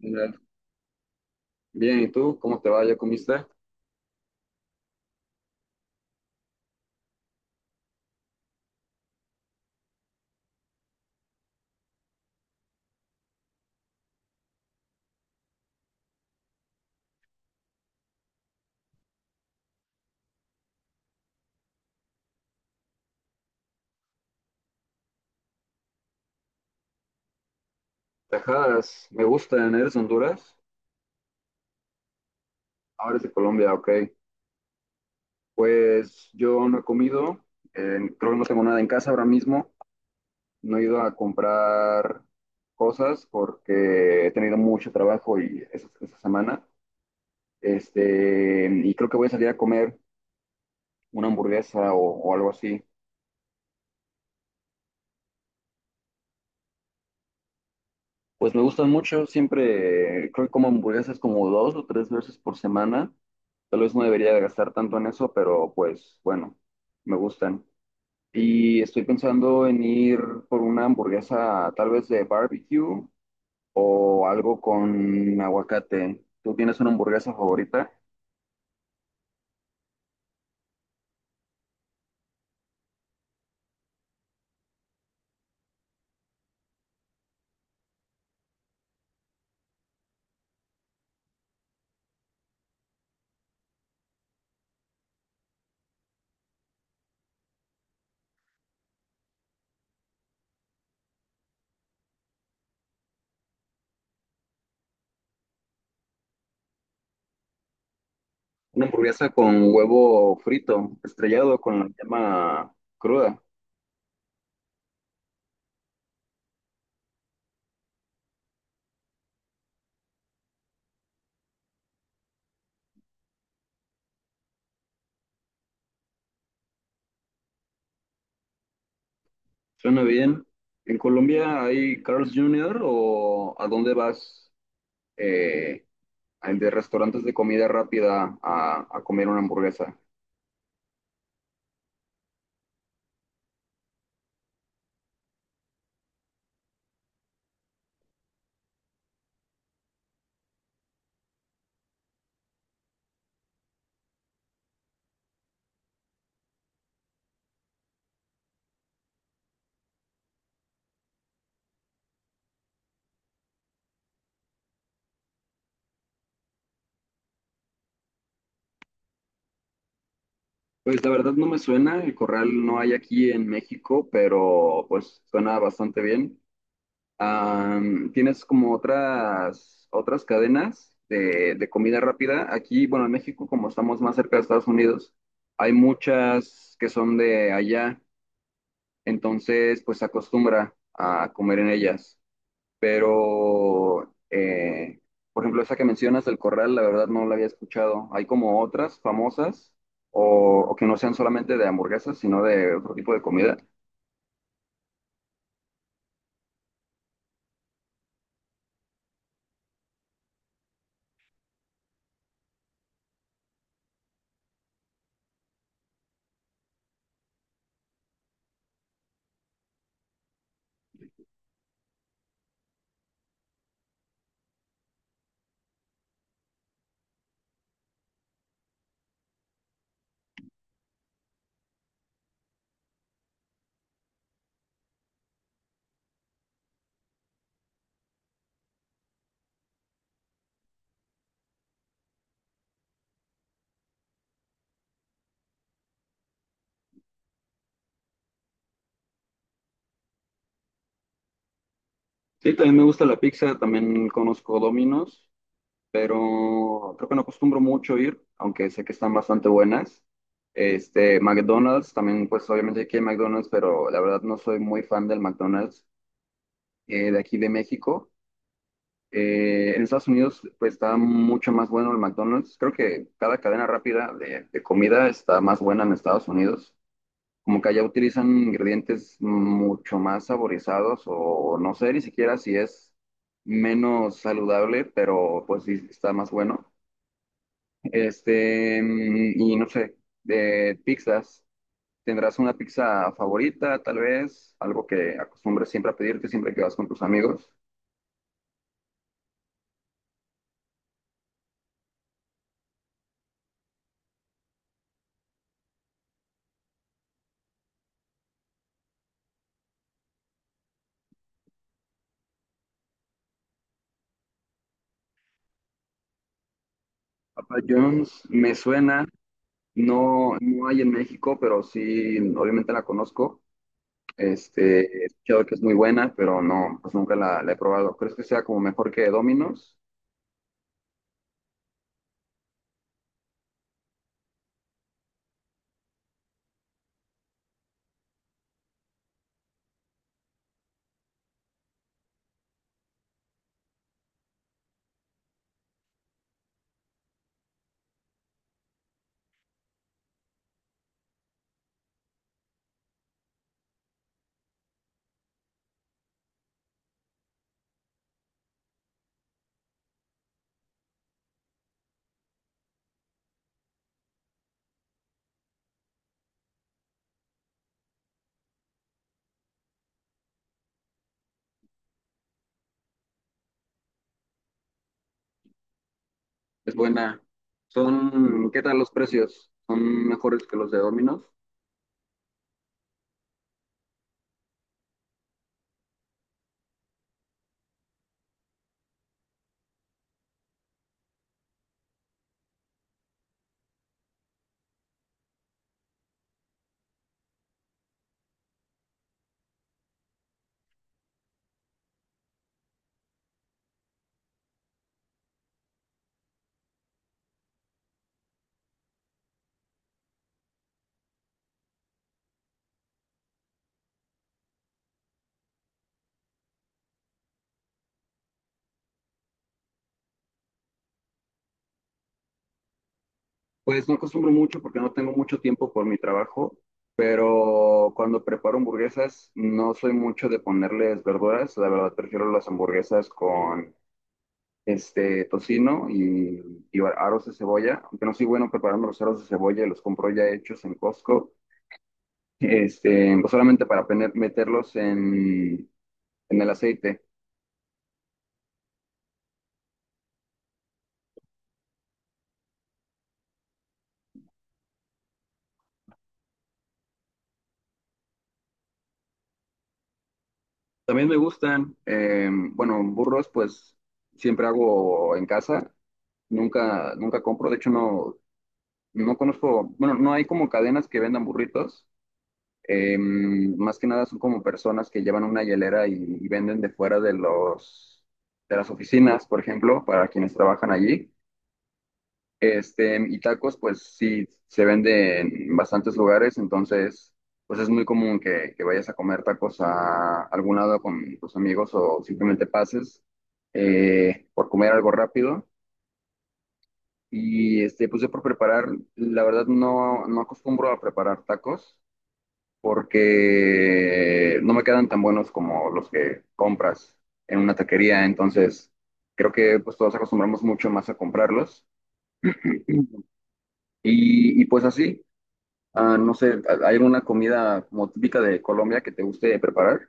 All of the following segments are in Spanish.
Mira, bien, ¿y tú? ¿Cómo te va? ¿Ya comiste? Tajadas, me gustan, ¿eres de Honduras? Ahora eres de Colombia, ok. Pues yo no he comido, creo que no tengo nada en casa ahora mismo, no he ido a comprar cosas porque he tenido mucho trabajo y esa semana, y creo que voy a salir a comer una hamburguesa o algo así. Pues me gustan mucho, siempre creo que como hamburguesas como dos o tres veces por semana. Tal vez no debería de gastar tanto en eso, pero pues bueno, me gustan. Y estoy pensando en ir por una hamburguesa tal vez de barbecue o algo con aguacate. ¿Tú tienes una hamburguesa favorita? Una hamburguesa con huevo frito, estrellado con la llama cruda. Suena bien. ¿En Colombia hay Carl's Jr. o a dónde vas? eh, el de restaurantes de comida rápida a comer una hamburguesa. Pues la verdad no me suena, el corral no hay aquí en México, pero pues suena bastante bien. Am, ¿tienes como otras cadenas de comida rápida? Aquí, bueno, en México, como estamos más cerca de Estados Unidos, hay muchas que son de allá, entonces pues se acostumbra a comer en ellas. Pero, por ejemplo, esa que mencionas del corral, la verdad no la había escuchado. Hay como otras famosas o que no sean solamente de hamburguesas, sino de otro tipo de comida. Sí, también me gusta la pizza, también conozco Domino's, pero creo que no acostumbro mucho ir, aunque sé que están bastante buenas. McDonald's, también pues obviamente aquí hay McDonald's, pero la verdad no soy muy fan del McDonald's, de aquí de México. En Estados Unidos pues está mucho más bueno el McDonald's. Creo que cada cadena rápida de comida está más buena en Estados Unidos. Como que allá utilizan ingredientes mucho más saborizados o no sé ni siquiera si es menos saludable, pero pues sí está más bueno. Y no sé, de pizzas, ¿tendrás una pizza favorita tal vez? Algo que acostumbres siempre a pedirte siempre que vas con tus amigos. Papa John's me suena. No, no hay en México, pero sí, obviamente la conozco. He escuchado que es muy buena, pero no, pues nunca la he probado. ¿Crees que sea como mejor que Domino's? Es buena. Son, ¿qué tal los precios? ¿Son mejores que los de Domino's? Pues no acostumbro mucho porque no tengo mucho tiempo por mi trabajo, pero cuando preparo hamburguesas no soy mucho de ponerles verduras. La verdad prefiero las hamburguesas con tocino y aros de cebolla, aunque no soy bueno preparando los aros de cebolla, los compro ya hechos en Costco, pues solamente para meterlos en el aceite. También me gustan, bueno, burros pues siempre hago en casa, nunca compro, de hecho no conozco, bueno, no hay como cadenas que vendan burritos. Más que nada son como personas que llevan una hielera y venden de fuera de los de las oficinas, por ejemplo, para quienes trabajan allí. Y tacos, pues sí, se vende en bastantes lugares, entonces, pues es muy común que vayas a comer tacos a algún lado con tus amigos o simplemente pases por comer algo rápido. Y pues yo por preparar, la verdad no acostumbro a preparar tacos, porque no me quedan tan buenos como los que compras en una taquería, entonces creo que pues todos acostumbramos mucho más a comprarlos. Pues así, ah, no sé, ¿hay alguna comida como típica de Colombia que te guste preparar?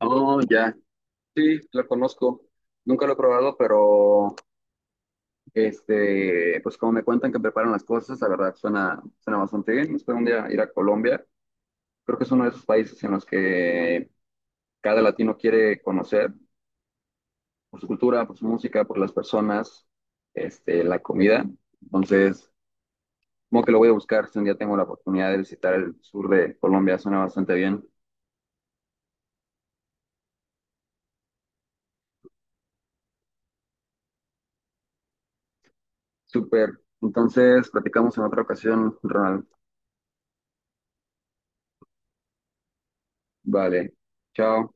Oh, ya, sí, lo conozco. Nunca lo he probado, pero pues como me cuentan que preparan las cosas, la verdad suena bastante bien. Espero un día ir a Colombia. Creo que es uno de esos países en los que cada latino quiere conocer, por su cultura, por su música, por las personas, la comida. Entonces, como que lo voy a buscar si un día tengo la oportunidad de visitar el sur de Colombia, suena bastante bien. Súper. Entonces, platicamos en otra ocasión, Ronald. Vale. Chao.